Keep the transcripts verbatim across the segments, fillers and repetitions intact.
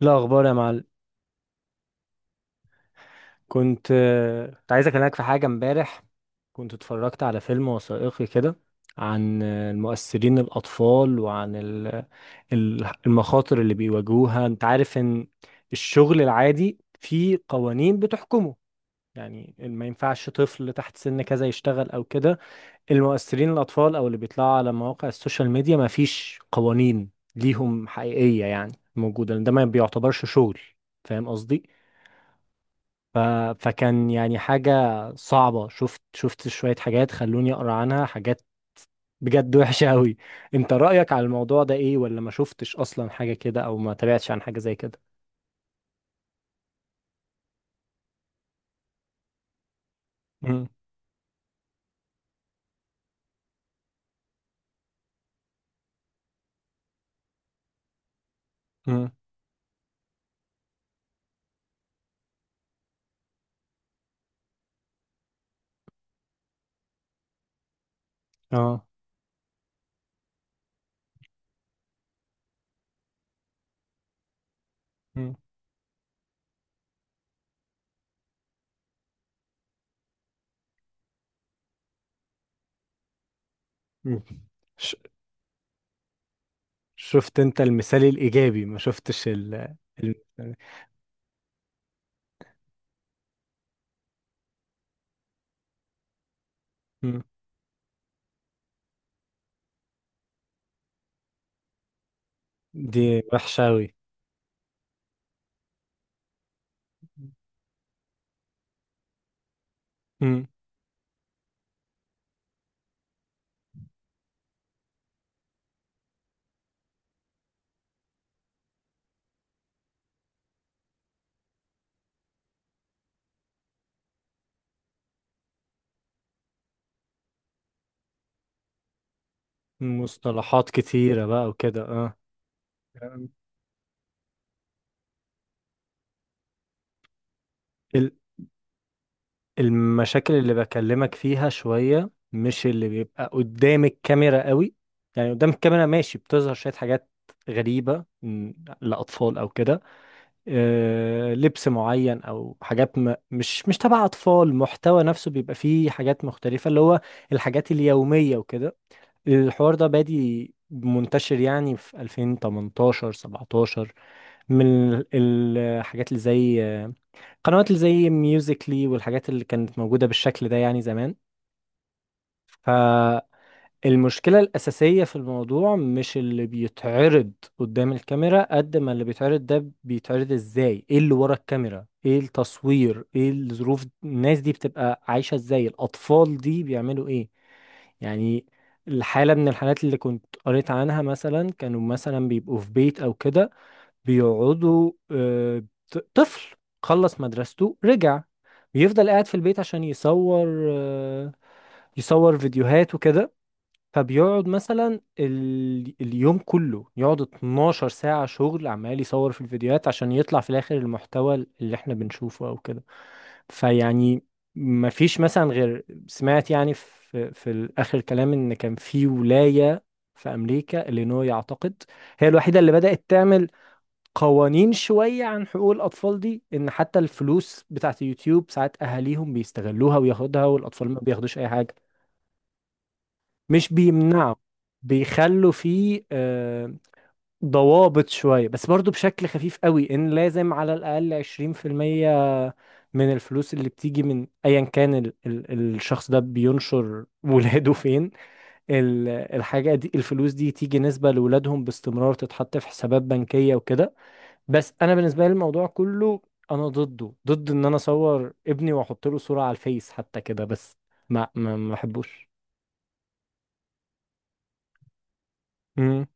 لا اخبار يا معلم. كنت كنت عايز اكلمك في حاجه امبارح. كنت اتفرجت على فيلم وثائقي كده عن المؤثرين الاطفال وعن ال- ال- المخاطر اللي بيواجهوها. انت عارف ان الشغل العادي فيه قوانين بتحكمه، يعني ما ينفعش طفل تحت سن كذا يشتغل او كده. المؤثرين الاطفال او اللي بيطلعوا على مواقع السوشيال ميديا ما فيش قوانين ليهم حقيقيه، يعني موجوده ده ما بيعتبرش شغل. فاهم قصدي؟ ف... فكان يعني حاجة صعبة. شفت شفت شوية حاجات خلوني أقرأ عنها حاجات بجد وحشة أوي. أنت رأيك على الموضوع ده إيه؟ ولا ما شفتش أصلا حاجة كده أو ما تابعتش عن حاجة زي كده؟ مم. مم. اه. مم. مم. ش... شفت أنت المثال الإيجابي، ما شفتش ال... ال... مم. دي وحشة أوي. مم. مصطلحات كتيرة بقى وكده، اه. المشاكل اللي بكلمك فيها شوية مش اللي بيبقى قدام الكاميرا قوي. يعني قدام الكاميرا ماشي، بتظهر شوية حاجات غريبة م، لأطفال أو كده، آه، لبس معين أو حاجات م- مش مش تبع أطفال. محتوى نفسه بيبقى فيه حاجات مختلفة، اللي هو الحاجات اليومية وكده. الحوار ده بادي منتشر يعني في ألفين وتمنتاشر سبعتاشر، من ال- الحاجات اللي زي قنوات اللي زي ميوزيكلي والحاجات اللي كانت موجودة بالشكل ده يعني زمان. فالمشكلة الأساسية في الموضوع مش اللي بيتعرض قدام الكاميرا، قد ما اللي بيتعرض ده بيتعرض ازاي، ايه اللي ورا الكاميرا، ايه التصوير، ايه الظروف، الناس دي بتبقى عايشة ازاي، الأطفال دي بيعملوا ايه. يعني الحالة من الحالات اللي كنت قريت عنها مثلا، كانوا مثلا بيبقوا في بيت أو كده بيقعدوا، آه، ط- طفل خلص مدرسته رجع، بيفضل قاعد في البيت عشان يصور، آه، يصور فيديوهات وكده. فبيقعد مثلا ال... اليوم كله، يقعد اثنا عشر ساعة شغل عمال يصور في الفيديوهات عشان يطلع في الآخر المحتوى اللي احنا بنشوفه أو كده. فيعني ما فيش مثلا، غير سمعت يعني في في آخر الكلام إن كان في ولاية في أمريكا، إلينوي أعتقد، هي الوحيدة اللي بدأت تعمل قوانين شوية عن حقوق الأطفال دي، إن حتى الفلوس بتاعت يوتيوب ساعات أهاليهم بيستغلوها وياخدها والأطفال ما بياخدوش أي حاجة. مش بيمنعوا، بيخلوا فيه آه، ضوابط شوية بس برضو بشكل خفيف قوي، إن لازم على الأقل عشرين في المية من الفلوس اللي بتيجي من أيا كان ال ال الشخص ده بينشر ولاده فين، ال- الحاجة دي الفلوس دي تيجي نسبة لولادهم باستمرار تتحط في حسابات بنكية وكده. بس انا بالنسبه لي الموضوع كله انا ضده، ضد ان انا اصور ابني واحط له صوره على الفيس حتى كده، بس ما ما ما بحبوش. امم.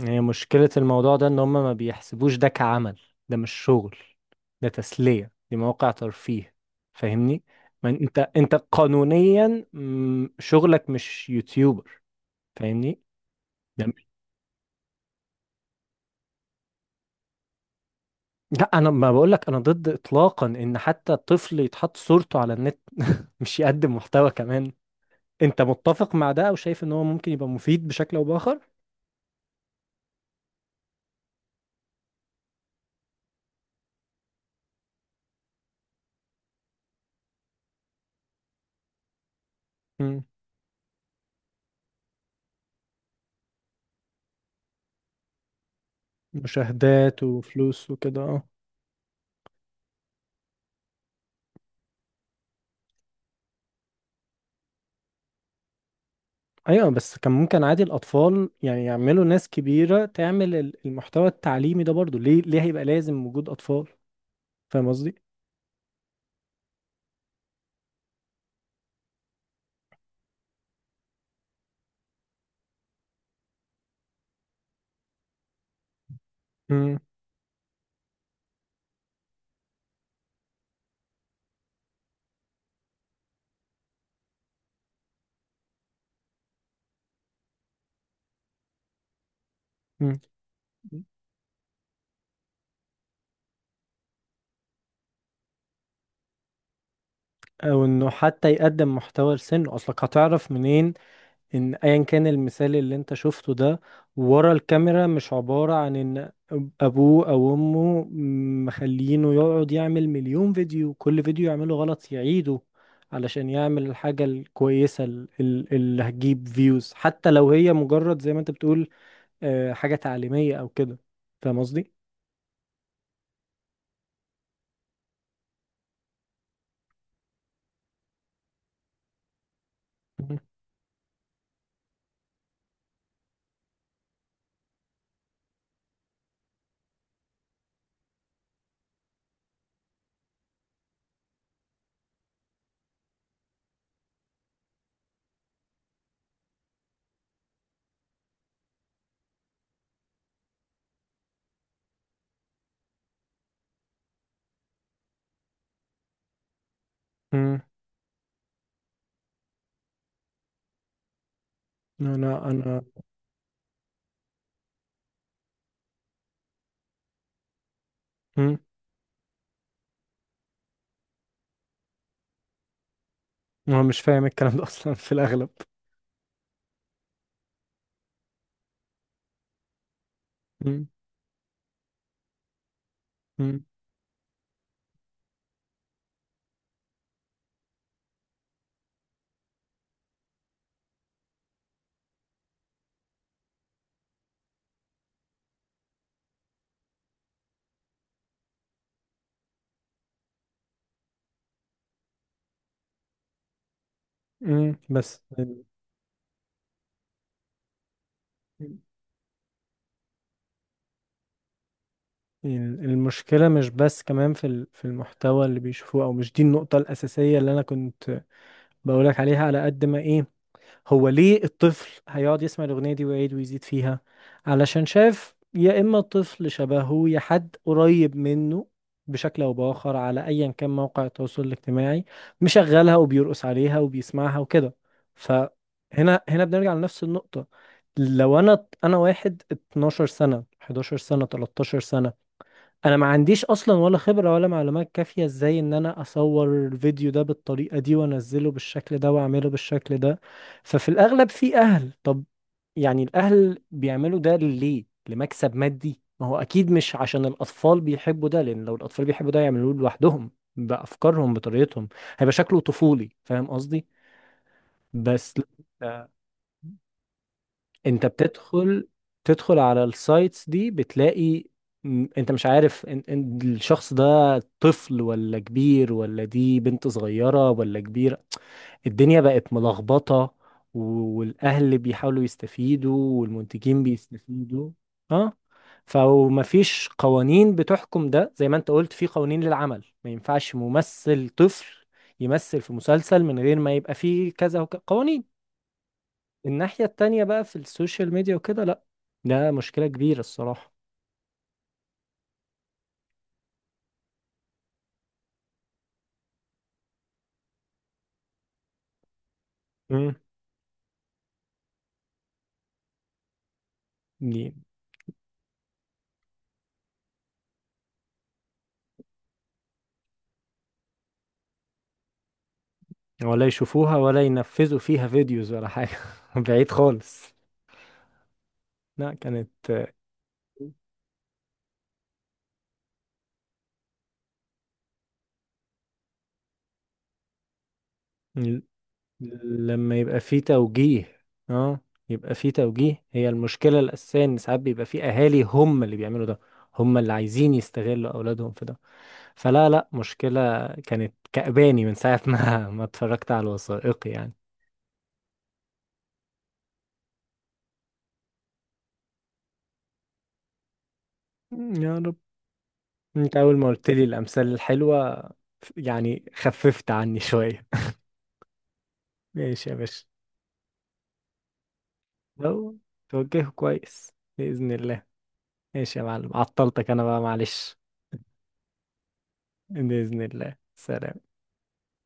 هي مشكله الموضوع ده ان هم ما بيحسبوش ده كعمل. ده مش شغل، ده تسليه، دي مواقع ترفيه، فاهمني؟ ما انت انت قانونيا مم، شغلك مش يوتيوبر، فاهمني؟ ده مش- لا انا ما بقولك انا ضد اطلاقا ان حتى طفل يتحط صورته على النت، مش يقدم محتوى كمان. انت متفق مع ده او شايف ان هو ممكن يبقى مفيد بشكل او باخر؟ مم. مشاهدات وفلوس وكده، اه. ايوه بس كان ممكن عادي الاطفال، يعني يعملوا ناس كبيره تعمل ال- المحتوى التعليمي ده برضو، ليه ليه هيبقى لازم وجود اطفال؟ فاهم قصدي؟ مم. مم. او انه حتى يقدم محتوى لسنه، اصلك هتعرف منين ان ايا كان المثال اللي انت شفته ده، ورا الكاميرا مش عبارة عن ان ابوه او امه مخلينه يقعد يعمل مليون فيديو، كل فيديو يعمله غلط يعيده علشان يعمل الحاجة الكويسة ال- ال- اللي هتجيب فيوز، حتى لو هي مجرد زي ما انت بتقول آه، حاجة تعليمية او كده. فاهم قصدي؟ مم. مم. انا انا مم. انا مش فاهم الكلام ده اصلا في الاغلب. مم. مم. مم. بس ال- المشكلة مش بس كمان في ال- في المحتوى اللي بيشوفوه، أو مش دي النقطة الأساسية اللي أنا كنت بقولك عليها على قد ما إيه، هو ليه الطفل هيقعد يسمع الأغنية دي ويعيد ويزيد فيها؟ علشان شاف يا إما طفل شبهه يا حد قريب منه بشكل أو بآخر على أيا كان موقع التواصل الاجتماعي مشغلها وبيرقص عليها وبيسمعها وكده. فهنا هنا هنا بنرجع لنفس النقطة. لو أنا أنا واحد اتناشر سنة حداشر سنة تلتاشر سنة، انا ما عنديش اصلا ولا خبرة ولا معلومات كافية ازاي ان انا اصور الفيديو ده بالطريقة دي وانزله بالشكل ده واعمله بالشكل ده. ففي الاغلب في اهل، طب يعني الاهل بيعملوا ده ليه؟ لمكسب مادي. ما هو اكيد مش عشان الاطفال بيحبوا ده، لان لو الاطفال بيحبوا ده يعملوه لوحدهم بافكارهم بطريقتهم، هيبقى شكله طفولي. فاهم قصدي؟ بس لا، انت بتدخل، تدخل على السايتس دي بتلاقي م- انت مش عارف ان ان الشخص ده طفل ولا كبير، ولا دي بنت صغيرة ولا كبيرة، الدنيا بقت ملخبطة. و- والاهل بيحاولوا يستفيدوا والمنتجين بيستفيدوا. اه. فمفيش قوانين بتحكم ده. زي ما انت قلت، في قوانين للعمل، ما ينفعش ممثل طفل يمثل في مسلسل من غير ما يبقى فيه كذا وكذا قوانين. الناحية التانية بقى في السوشيال ميديا وكده لا. ده مشكلة كبيرة الصراحة. امم. دي ولا يشوفوها ولا ينفذوا فيها فيديوز ولا حاجة بعيد خالص. لا كانت آه، ل- لما يبقى في توجيه، اه. يبقى في توجيه، هي المشكلة الأساسية إن ساعات بيبقى في أهالي هم اللي بيعملوا ده، هم اللي عايزين يستغلوا أولادهم في ده. فلا لا، مشكلة كانت كأباني من ساعة ما ما اتفرجت على الوثائقي يعني. يا رب. انت اول ما قلت لي الامثال الحلوه يعني خففت عني شويه ماشي يا باشا. لو توجهه كويس، باذن الله. ماشي يا معلم، عطلتك انا بقى معلش. باذن الله، سلام.